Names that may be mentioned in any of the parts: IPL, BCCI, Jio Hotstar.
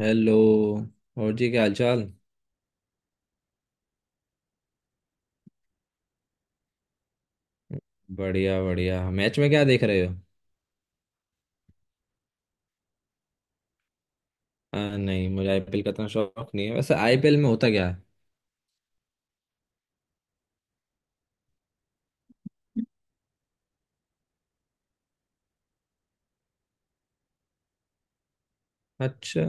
Hello. और जी क्या हालचाल। बढ़िया बढ़िया मैच में क्या देख रहे हो। नहीं मुझे आईपीएल का इतना शौक नहीं है। वैसे आईपीएल में होता क्या है। अच्छा।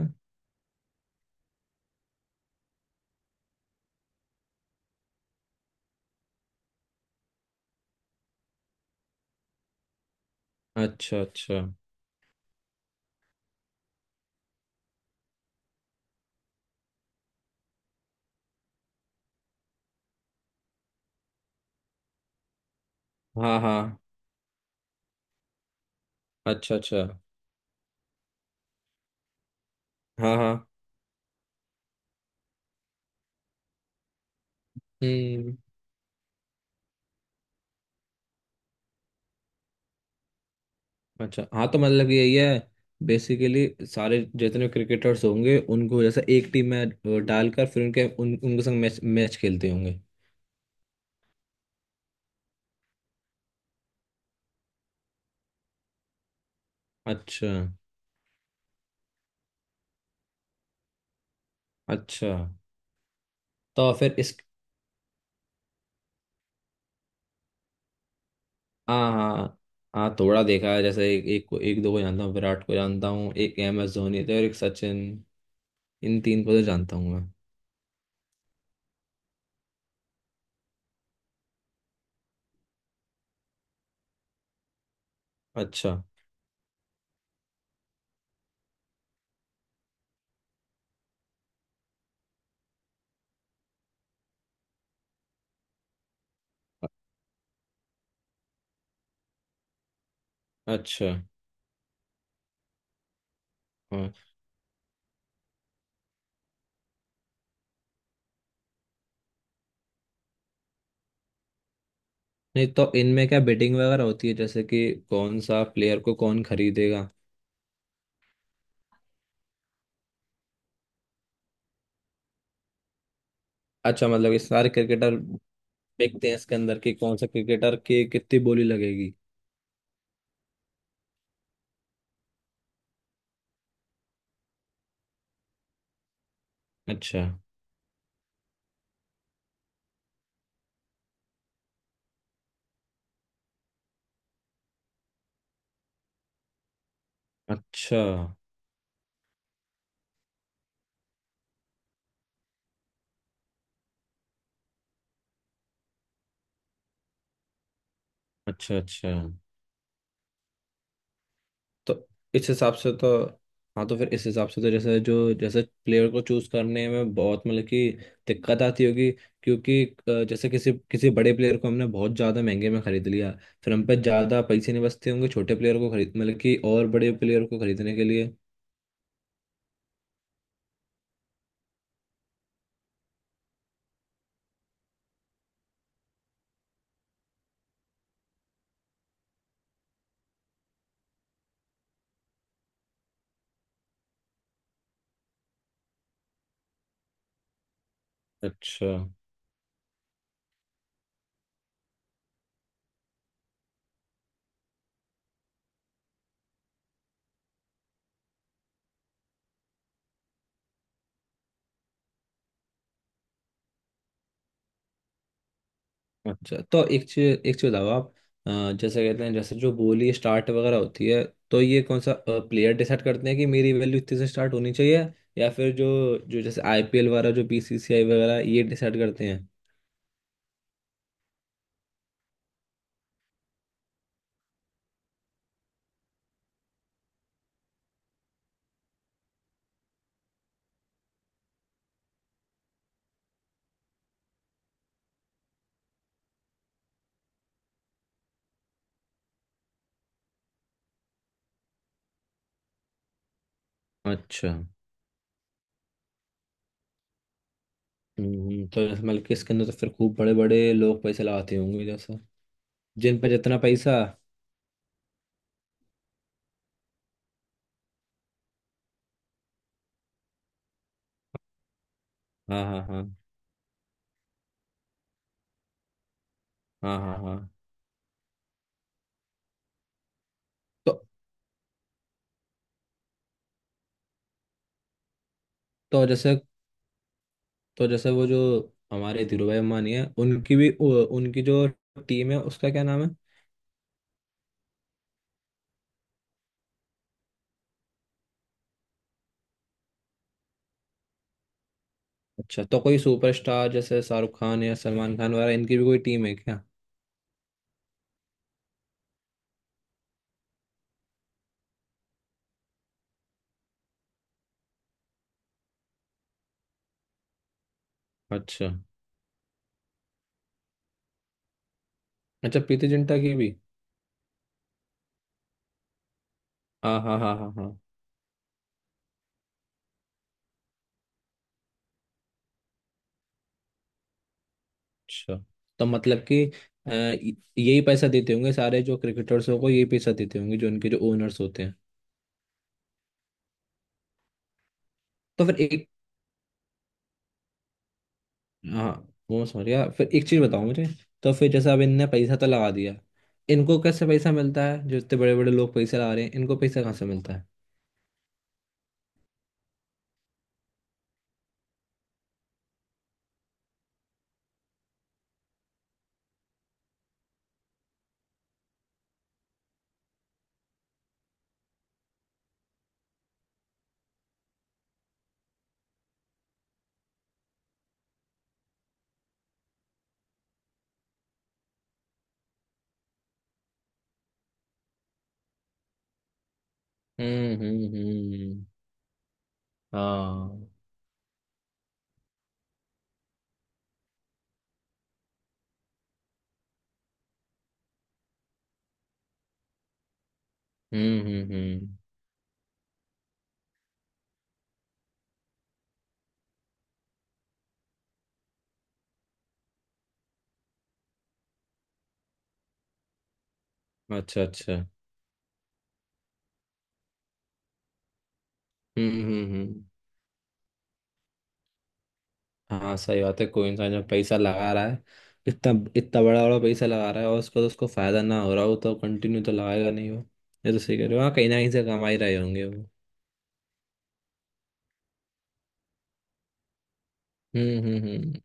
अच्छा। अच्छा हाँ। हाँ। अच्छा अच्छा। हाँ हाँ। हम्म। अच्छा हाँ तो मतलब यही है। बेसिकली सारे जितने क्रिकेटर्स होंगे उनको जैसे एक टीम में डालकर फिर उनके संग मैच मैच खेलते होंगे। अच्छा अच्छा। तो फिर इस। हाँ हाँ। हाँ थोड़ा देखा है जैसे एक एक, को- एक दो को जानता हूँ। विराट को जानता हूँ। एक एम एस धोनी थे और एक सचिन। इन तीन को तो जानता हूँ मैं। अच्छा अच्छा। हाँ नहीं तो इनमें क्या बेटिंग वगैरह होती है जैसे कि कौन सा प्लेयर को कौन खरीदेगा। अच्छा मतलब ये सारे क्रिकेटर देखते हैं इसके अंदर कि कौन सा क्रिकेटर की कितनी बोली लगेगी। अच्छा। अच्छा अच्छा अच्छा। तो इस हिसाब से तो हाँ तो फिर इस हिसाब से तो जैसे जो जैसे प्लेयर को चूज करने में बहुत मतलब कि दिक्कत आती होगी। क्योंकि जैसे किसी किसी बड़े प्लेयर को हमने बहुत ज्यादा महंगे में खरीद लिया। फिर हम पे ज्यादा पैसे नहीं बचते होंगे छोटे प्लेयर को खरीद मतलब कि और बड़े प्लेयर को खरीदने के लिए। अच्छा अच्छा। तो एक चीज बताओ आप। जैसे कहते हैं जैसे जो बोली स्टार्ट वगैरह होती है। तो ये कौन सा प्लेयर डिसाइड करते हैं कि मेरी वैल्यू इतने से स्टार्ट होनी चाहिए। या फिर जो जो जैसे आईपीएल वगैरह जो बीसीसीआई वगैरह ये डिसाइड करते हैं। अच्छा। तो जैसे मतलब कि इसके अंदर तो फिर खूब बड़े बड़े लोग पैसे लगाते होंगे। जैसे जिन पर जितना पैसा। हाँ हाँ हाँ हाँ हाँ। हाँ। तो तो जैसे तो जैसे वो जो हमारे धीरू भाई अंबानी है, उनकी भी उनकी जो टीम है उसका क्या नाम है। अच्छा तो कोई सुपरस्टार जैसे शाहरुख खान या सलमान खान वगैरह इनकी भी कोई टीम है क्या। अच्छा। अच्छा प्रीति जिंटा की भी। हाँ हाँ हाँ हाँ हाँ। अच्छा। तो मतलब कि यही पैसा देते होंगे सारे जो क्रिकेटर्स को। यही पैसा देते होंगे जो उनके जो ओनर्स होते हैं। तो फिर एक। हाँ। वो मैं समझ गया। फिर एक चीज़ बताओ मुझे। तो फिर जैसे अब इनने पैसा तो लगा दिया। इनको कैसे पैसा मिलता है। जो इतने बड़े बड़े लोग पैसा लगा रहे हैं इनको पैसा कहाँ से मिलता है। हम्म। हाँ। हम्म। अच्छा अच्छा। हम्म हम्म हम्म। हाँ सही बात है। कोई इंसान जब पैसा लगा रहा है, इतना इतना बड़ा बड़ा पैसा लगा रहा है, और उसको फायदा ना हो रहा हो तो कंटिन्यू तो लगाएगा नहीं वो। ये तो सही कह रहे हो। हाँ कहीं ना कहीं से कमा ही रहे होंगे वो। हम्म हम्म हम्म।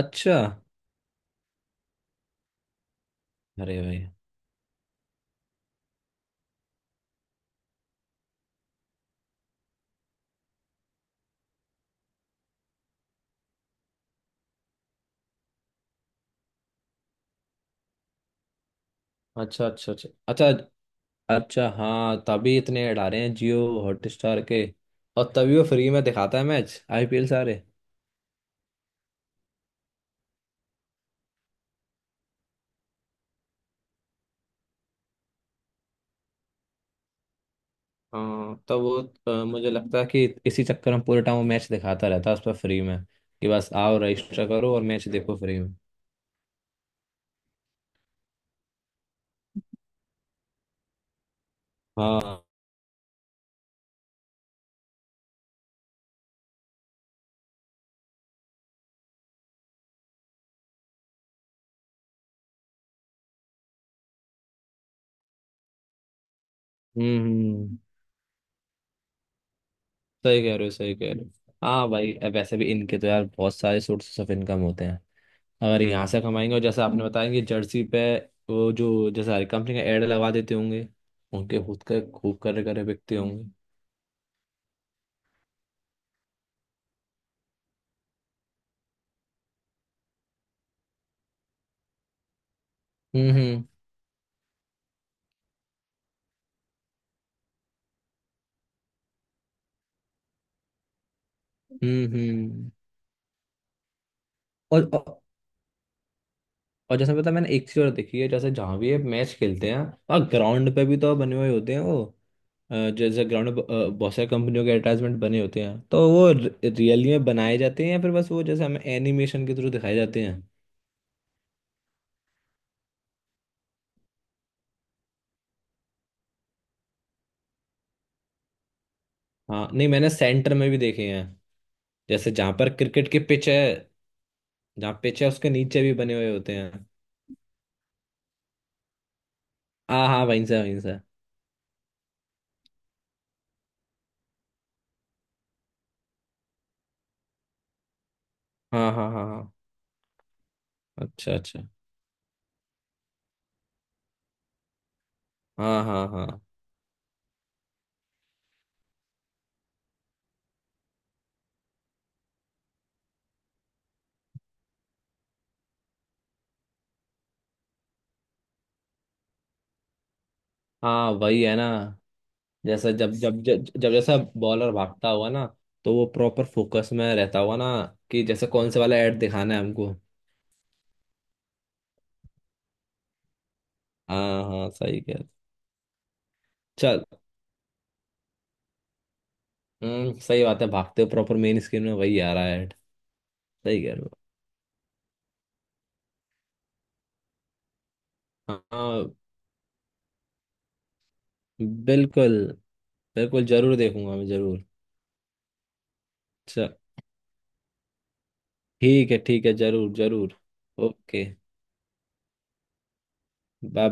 अच्छा। अरे भाई। अच्छा अच्छा अच्छा अच्छा। अच्छा हाँ तभी इतने ऐड आ रहे हैं जियो हॉटस्टार के। और तभी वो फ्री में दिखाता है मैच आईपीएल सारे। हाँ तो वो मुझे लगता है कि इसी चक्कर में पूरे टाइम वो मैच दिखाता रहता है उस पर फ्री में। कि बस आओ रजिस्टर करो और मैच देखो फ्री में। हाँ। हम्म हम्म, सही कह रहे हो सही कह रहे हो। हाँ भाई अब वैसे भी इनके तो यार बहुत सारे सोर्सेस ऑफ इनकम होते हैं। अगर यहाँ से कमाएंगे और जैसे आपने बताया कि जर्सी पे वो जो जैसे हर कंपनी का एड लगा देते होंगे। उनके खुद के खूब करे करे बिकते होंगे। हम्म हम्म हम्म हम्म। और जैसे पता है, मैंने एक चीज और देखी है। जैसे जहाँ भी ये मैच खेलते हैं और ग्राउंड पे भी तो बने हुए होते हैं वो। जैसे ग्राउंड में बहुत सारी कंपनियों के एडवर्टाइजमेंट बने होते हैं। तो वो रियली में बनाए जाते हैं या फिर बस वो जैसे हमें एनिमेशन के थ्रू दिखाए जाते हैं। हाँ नहीं मैंने सेंटर में भी देखे हैं। जैसे जहाँ पर क्रिकेट की पिच है, जहाँ पिच है उसके नीचे भी बने हुए होते हैं। हाँ हाँ वहीं से वहीं से। हाँ हाँ हाँ हाँ। अच्छा अच्छा। हाँ हाँ हाँ हाँ वही है ना। जैसा जब जब जब जब जैसा बॉलर भागता हुआ ना, तो वो प्रॉपर फोकस में रहता हुआ ना, कि जैसे कौन से वाला ऐड दिखाना है हमको। हाँ हाँ सही कह रहे। चल। सही बात है, भागते हुए प्रॉपर मेन स्क्रीन में वही आ रहा है ऐड। सही कह रहे हो। हाँ बिल्कुल। बिल्कुल जरूर देखूंगा मैं जरूर। चल। ठीक है जरूर जरूर। Okay bye.